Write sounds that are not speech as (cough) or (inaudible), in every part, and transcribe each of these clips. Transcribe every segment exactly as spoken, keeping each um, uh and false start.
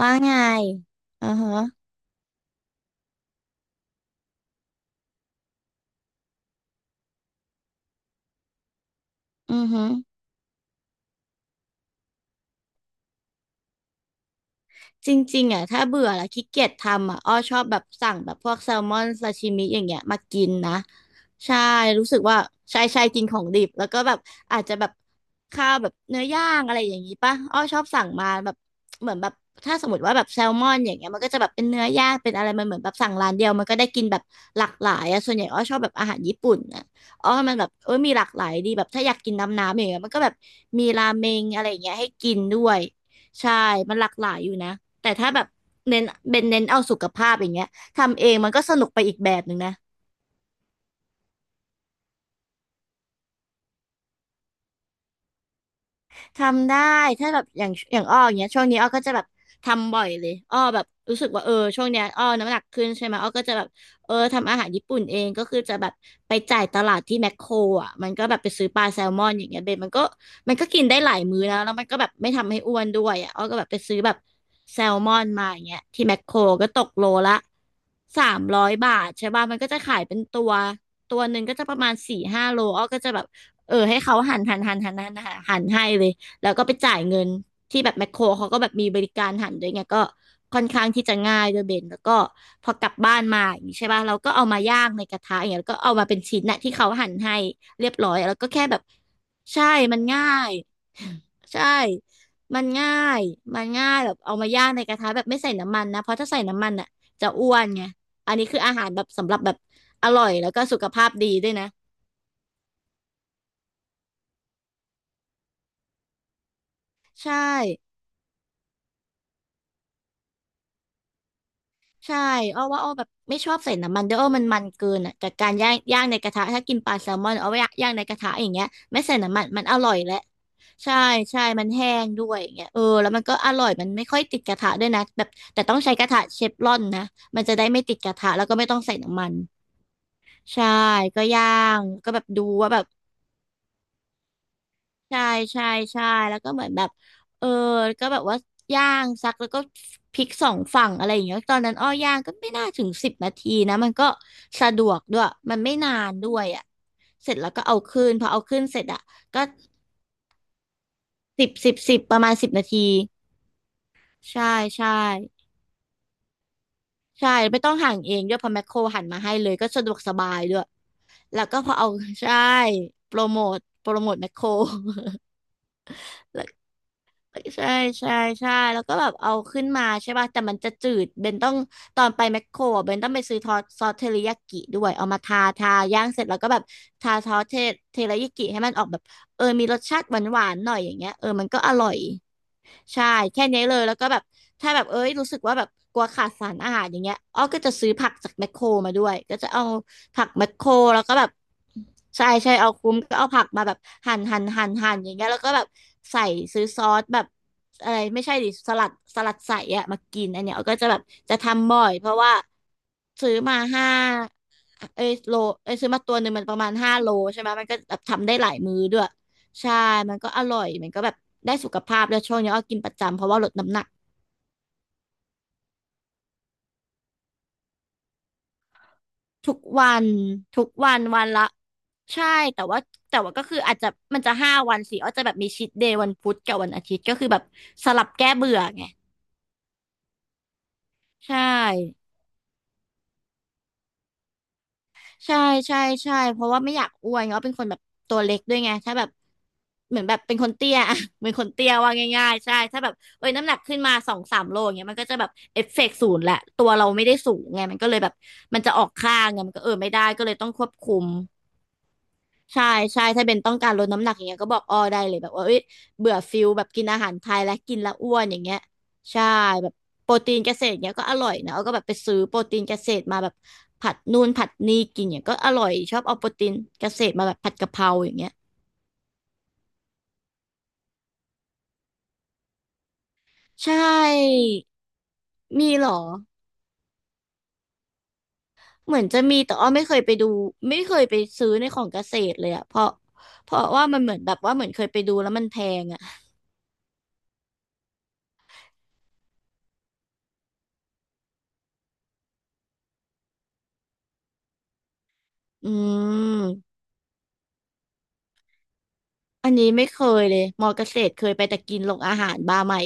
ว่าไง อือฮะอือฮะ จริงๆอ่ะถ้าเบื่อแล้วขี้เกียจทำอ่ะอ้อชอบแบบสั่งแบบพวกแซลมอนซาชิมิอย่างเงี้ยมากินนะใช่รู้สึกว่าใช่ใช่กินของดิบแล้วก็แบบอาจจะแบบข้าวแบบเนื้อย่างอะไรอย่างงี้ป่ะอ้อชอบสั่งมาแบบเหมือนแบบถ้าสมมติว่าแบบแซลมอนอย่างเงี้ยมันก็จะแบบเป็นเนื้อย่างเป็นอะไรมันเหมือนแบบสั่งร้านเดียวมันก็ได้กินแบบหลากหลายอ่ะส่วนใหญ่อ้อชอบแบบอาหารญี่ปุ่นอ่ะอ๋อมันแบบเออมีหลากหลายดีแบบถ้าอยากกินน้ำน้ำอย่างเงี้ยมันก็แบบมีราเมงอะไรอย่างเงี้ยให้กินด้วยใช่มันหลากหลายอยู่นะ แต่ถ้าแบบเน้นเป็นเน้นเอาสุขภาพอย่างเงี้ยทำเองมันก็สนุกไปอีกแบบหนึ่งนะ ทำได้ถ้าแบบอย่างอย่างอ้ออย่างเงี้ยช่วงนี้อ้อก็จะแบบทำบ่อยเลยอ้อแบบรู้สึกว่าเออช่วงเนี้ยอ้อน้ำหนักขึ้นใช่ไหมอ้อก็จะแบบเออทำอาหารญี่ปุ่นเองก็คือจะแบบไปจ่ายตลาดที่แมคโครอ่ะมันก็แบบไปซื้อปลาแซลมอนอย่างเงี้ยเบนมันก็มันก็กินได้หลายมื้อนะแล้วมันก็แบบไม่ทำให้อ้วนด้วยอ่ะอ้อก็แบบไปซื้อแบบแซลมอนมาอย่างเงี้ยที่แมคโครก็ตกโลละสามร้อยบาทใช่ป่ะมันก็จะขายเป็นตัวตัวหนึ่งก็จะประมาณสี่ห้าโลอ้อก็จะแบบเออให้เขาหั่นหั่นหั่นหั่นหั่นหั่นให้เลย แล้วก็ไปจ่ายเงินที่แบบแมคโครเขาก็แบบมีบริการหันด้วยไงก็ค่อนข้างที่จะง่ายด้วยเบนแล้วก็พอกลับบ้านมาอย่างนี้ใช่ป่ะเราก็เอามาย่างในกระทะอย่างเงี้ยแล้วก็เอามาเป็นชิ้นนะที่เขาหั่นให้เรียบร้อยแล้วก็แค่แบบใช่มันง่าย (laughs) ใช่มันง่ายมันง่ายแบบเอามาย่างในกระทะแบบไม่ใส่น้ำมันนะเพราะถ้าใส่น้ำมันอ่ะจะอ้วนไงอันนี้คืออาหารแบบสำหรับแบบอร่อยแล้วก็สุขภาพดีด้วยนะใช่ ใช่อ้อว่าอ้อแบบไม่ชอบใส่น้ำมันด้วยอ้อมันมันเกินอ่ะกับการย่างย่างในกระทะถ้ากินปลาแซลมอนเอาไว้ย่างย่างในกระทะอย่างเงี้ยไม่ใส่น้ำมันมันอร่อยแหละใช่ใช่มันแห้งด้วยอย่างเงี้ยเออแล้วมันก็อร่อยมันไม่ค่อยติดกระทะด้วยนะแบบแต่ต้องใช้กระทะเชฟรอนนะมันจะได้ไม่ติดกระทะแล้วก็ไม่ต้องใส่น้ำมันใช่ก็ย่างก็แบบดูว่าแบบ ใช่ใช่ใช่แล้วก็เหมือนแบบเออก็แบบว่าย่างซักแล้วก็พลิกสองฝั่งอะไรอย่างเงี้ยตอนนั้นอ้อย่างก็ไม่น่าถึงสิบนาทีนะมันก็สะดวกด้วยมันไม่นานด้วยอ่ะเสร็จแล้วก็เอาขึ้นพอเอาขึ้นเสร็จอ่ะก็สิบสิบสิบประมาณสิบนาทีใช่ใช่ใช่ไม่ต้องหั่นเองด้วยเพอแมคโครหั่นมาให้เลยก็สะดวกสบายด้วยแล้วก็พอเอา (laughs) ใช่โปรโมทโปรโมทแมคโคร (laughs) แล้ว ใช่ใช่ใช่แล้วก็แบบเอาขึ้นมาใช่ป่ะแต่มันจะจืดเบนต้องตอนไปแมคโครอะเบนต้องไปซื้อทอสซอสเทริยากิด้วยเอามาทาทาย่างเสร็จแล้วก็แบบทาซอสเทเทริยากิให้มันออกแบบเออมีรสชาติหวานหวานหน่อยอย่างเงี้ยเออมันก็อร่อยใช่แค่นี้เลยแล้วก็แบบถ้าแบบเอ้ยรู้สึกว่าแบบกลัวขาดสารอาหารอย่างเงี้ยอ้อก็จะซื้อผักจากแมคโครมาด้วยก็จะเอา ผักแมคโครแล้วก็แบบใช่ใช่เอาคุ้มก็เอาผักมาแบบหั่นหั่นหั่นหั่นอย่างเงี้ยแล้วก็แบบใส่ซื้อซอสแบบอะไรไม่ใช่ดิสลัดสลัดใส่อะมากินอันเนี้ยเอาก็จะแบบจะทำบ่อยเพราะว่าซื้อมาห้าเอ้ยโลเอ้ยซื้อมาตัวหนึ่งมันประมาณห้าโลใช่ไหมมันก็แบบทำได้หลายมื้อด้วยใช่มันก็อร่อยมันก็แบบได้สุขภาพแล้วยช่วงนี้อ้อกินประจำเพราะว่าลดน้ำหนัก ทุกวันทุกวันวันละใช่แต่ว่าแต่ว่าก็คืออาจจะมันจะห้าวันสิอาจจะแบบมีชีทเดย์วันพุธกับวันอาทิตย์ก็คือแบบสลับแก้เบื่อไงใช่ใช่ใช่ใช่เพราะว่าไม่อยากอ้วนเนาะเป็นคนแบบตัวเล็กด้วยไงถ้าแบบเหมือนแบบเป็นคนเตี้ยอะ (laughs) เหมือนคนเตี้ยว่าง่ายๆใช่ถ้าแบบเอ้ยน้ำหนักขึ้นมาสองสามโลอย่างเงี้ยมันก็จะแบบเอฟเฟกต์ศูนย์แหละตัวเราไม่ได้สูงไงมันก็เลยแบบมันจะออกข้างไงมันก็เออไม่ได้ก็เลยต้องควบคุม ใช่ใช่ถ้าเป็นต้องการลดน้ำหนักอย่างเงี้ยก็บอกอ้อได้เลยแบบว่าเอ้ยเบื่อฟิลแบบกินอาหารไทยและกินแล้วอ้วนอย่างเงี้ยใช่แบบโปรตีนเกษตรเงี้ยก็อร่อยนะเอาก็แบบไปซื้อโปรตีนเกษตรมาแบบผัดนู่นผัดนี่กินเนี่ยก็อร่อยชอบเอาโปรตีนเกษตรมาแบบผัดกะเพราอย่างเงี้ยใช่มีเหรอเหมือนจะมีแต่อ้อไม่เคยไปดูไม่เคยไปซื้อในของเกษตรเลยอะเพราะเพราะว่ามันเหมือนแบบว่าเหมือนเคยไปดูแล้วมันแพงอะอืม อันนี้ไม่เคยเลยมอเกษตรเคยไปแต่กินโรงอาหารบาร์ใหม่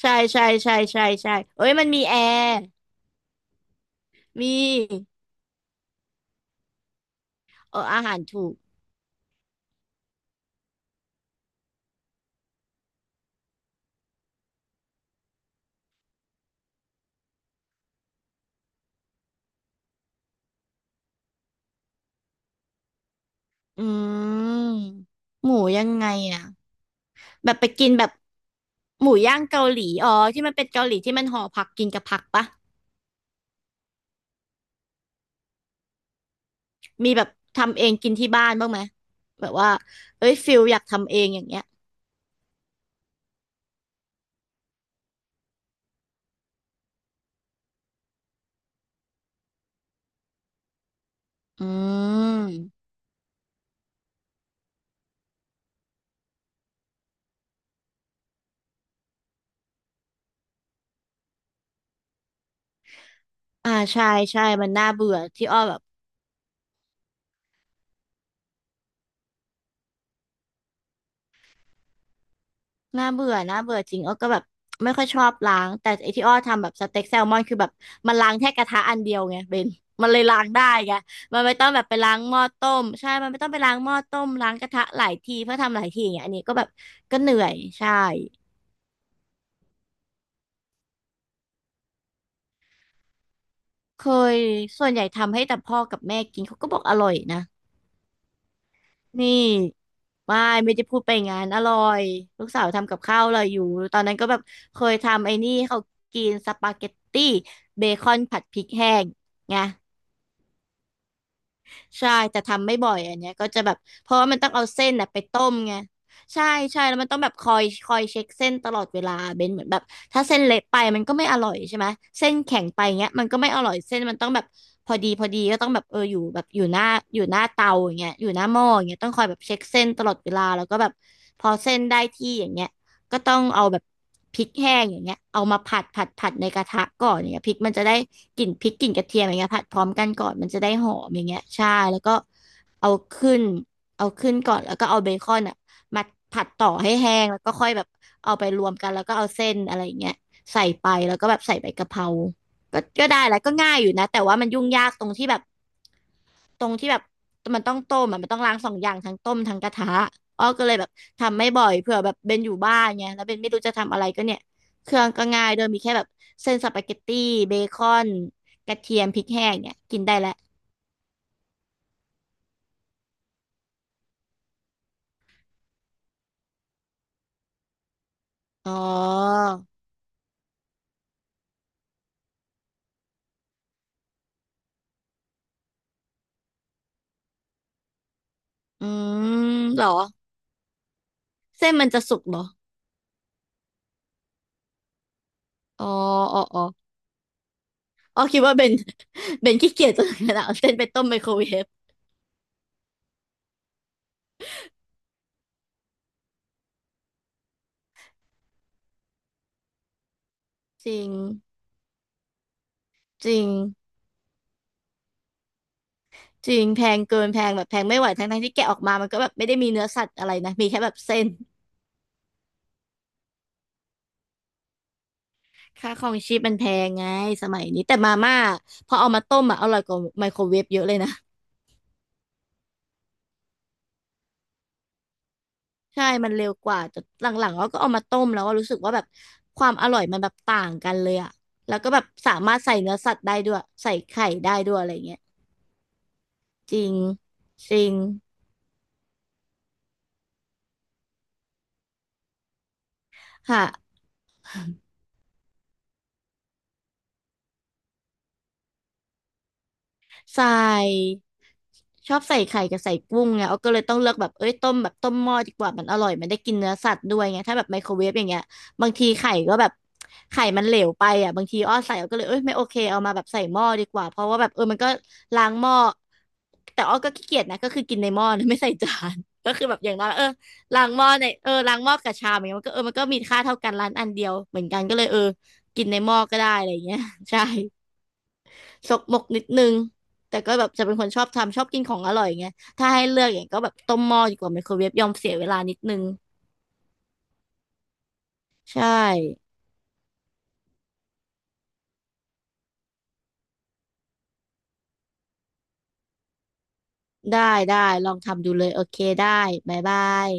ใช่ใช่ใช่ใช่ใช่เอ้ยมันมีแอร์มีเอออาหารถูกอืมหมูยังไงอ่ะแบบไปกินแบบหมูย่างเกาหลีอ๋อที่มันเป็นเกาหลีที่มันห่อผักกินกับผักปะมีแบบทำเองกินที่บ้านบ้างไหมแบบว่าเอ้ยฟิลอยากทำเองอย่างเงี้ยอืมอ่าใช่ใช่มันน่าเบื่อที่อ้อแบบ น่าเบื่อน่าเบื่อจริงอ้อก็แบบไม่ค่อยชอบล้างแต่ไอที่อ้อทำแบบสเต็กแซลมอนคือแบบมันล้างแค่กระทะอันเดียวไงเบนมันเลยล้างได้ไงมันไม่ต้องแบบไปล้างหม้อต้มใช่มันไม่ต้องไปล้างหม้อต้มล้างกระทะหลายทีเพื่อทำหลายทีอย่างเงี้ยอันนี้ก็แบบก็เหนื่อยใช่เคยส่วนใหญ่ทำให้แต่พ่อกับแม่กินเขาก็บอกอร่อยนะ นี่ไม่ไม่จะพูดไปงานอร่อยลูกสาวทำกับข้าวอร่อยอยู่ตอนนั้นก็แบบเคยทำไอ้นี่ให้เขากินสปาเกตตี้เบคอนผัดพริกแห้งไง ใช่แต่ทำไม่บ่อยอันเนี้ยก็จะแบบเพราะว่ามันต้องเอาเส้นน่ะไปต้มไงใช่ใช่แล้วมันต้องแบบคอยคอยเช็คเส้นตลอดเวลาเบนเหมือนแบบถ้าเส้นเละไปมันก็ไม่อร่อยใช่ไหมเส้นแข็งไปเงี้ยมันก็ไม่อร่อยเส้นมันต้องแบบพอดีพอดีก็ต้องแบบเอออยู่แบบอยู่หน้าอยู่หน้าเตาอย่างเงี้ยอยู่หน้าหม้ออย่างเงี้ยต้องคอยแบบเช็คเส้นตลอดเวลาแล้วก็แบบพอเส้นได้ที่อย่างเงี้ย ก็ต้องเอาแบบพริกแห้งอย่างเงี้ยเอามาผัดผัดผัดในกระทะก่อนอย่างเงี้ยพริกมันจะได้กลิ่นพริกกลิ่นกระเทียมอย่างเงี้ยผัดพร้อมกันก่อนมันจะได้หอมอย่างเงี้ยใช่แล้วก็เอาขึ้นเอาขึ้นก่อนแล้วก็เอาเบคอนอ่ะมาผัดต่อให้แห้งแล้วก็ค่อยแบบเอาไปรวมกันแล้วก็เอาเส้นอะไรอย่างเงี้ยใส่ไปแล้วก็แบบใส่ใบกะเพราก็ก็ได้แล้วก็ง่ายอยู่นะแต่ว่ามันยุ่งยากตรงที่แบบ ตรงที่แบบมันต้องต้มอะมันต้องล้างสองอย่างทั้งต้มทั้งกระทะอ้อก็เลยแบบทำไม่บ่อยเผื่อแบบเบนอยู่บ้านไงแล้วเบนไม่รู้จะทำอะไรก็เนี่ยเครื่องก็ง่ายโดยมีแค่แบบเส้นสปาเกตตี้เบคอนกระเทียมพริกแห้งเนี่ยกินได้แล้วอ๋ออืมเหรอเส้นมันจะสุกเหรออ๋ออ๋ออ๋ออ๋อคิดว่าเบน (laughs) เบนขี้เกียจจนขนาดเอาเส้นไปต้มไมโครเวฟจริงจริงจริงแพงเกินแพงแบบแพงไม่ไหวทั้งทั้งที่แกะออกมามันก็แบบไม่ได้มีเนื้อสัตว์อะไรนะมีแค่แบบเส้น ค่าครองชีพมันแพงไง สมัยนี้แต่มาม่าพอเอามาต้มอ่ะอร่อยกว่าไมโครเวฟเยอะเลยนะ (laughs) ใช่ มันเร็วกว่าแต่หลังๆเราก็เอามาต้มแล้วว่ารู้สึกว่าแบบความอร่อยมันแบบต่างกันเลยอะแล้วก็แบบสามารถใส่เนื้อสัตว์ได้ด้วยใส่ไข่ได้ด้วยอะไรเงี้ยจริงจริงค่ะ ใส่ชอบใส่ไข่กับใส่กุ้งไงเอาก็เลยต้องเลือกแบบเอ้ยต้มแบบต้มหม้อดีกว่ามันอร่อยมันได้กินเนื้อสัตว์ด้วยไงถ้าแบบไมโครเวฟอย่างเงี้ยบางทีไข่ก็แบบไข่มันเหลวไปอ่ะบางทีอ้อใส่เอาก็เลยเอ้ยไม่โอเคเอามาแบบใส่หม้อดีกว่าเพราะว่าแบบเออมันก็ล้างหม้อแต่อ้อก็ขี้เกียจนะก็คือกินในหม้อนะ (laughs) ไม่ใส่จาน (laughs) ก็คือแบบอย่างน้อยเออล้างหม้อในเออล้างหม้อกับชามอย่างเงี้ยมันก็เออมันก็มีค่าเท่ากันร้านอันเดียวเหมือนกันก็เลยเออกินในหม้อก็ได้อะไรอย่างเงี้ย (laughs) ใช่ สกมกนิดนึงแต่ก็แบบจะเป็นคนชอบทำชอบกินของอร่อยไงถ้าให้เลือกอย่างก็แบบต้มหม้อดีกว่าไมโครเวฟยอมเสียเวลานิดนึงใช่ได้ได้ลองทำดูเลยโอเคได้บ๊ายบาย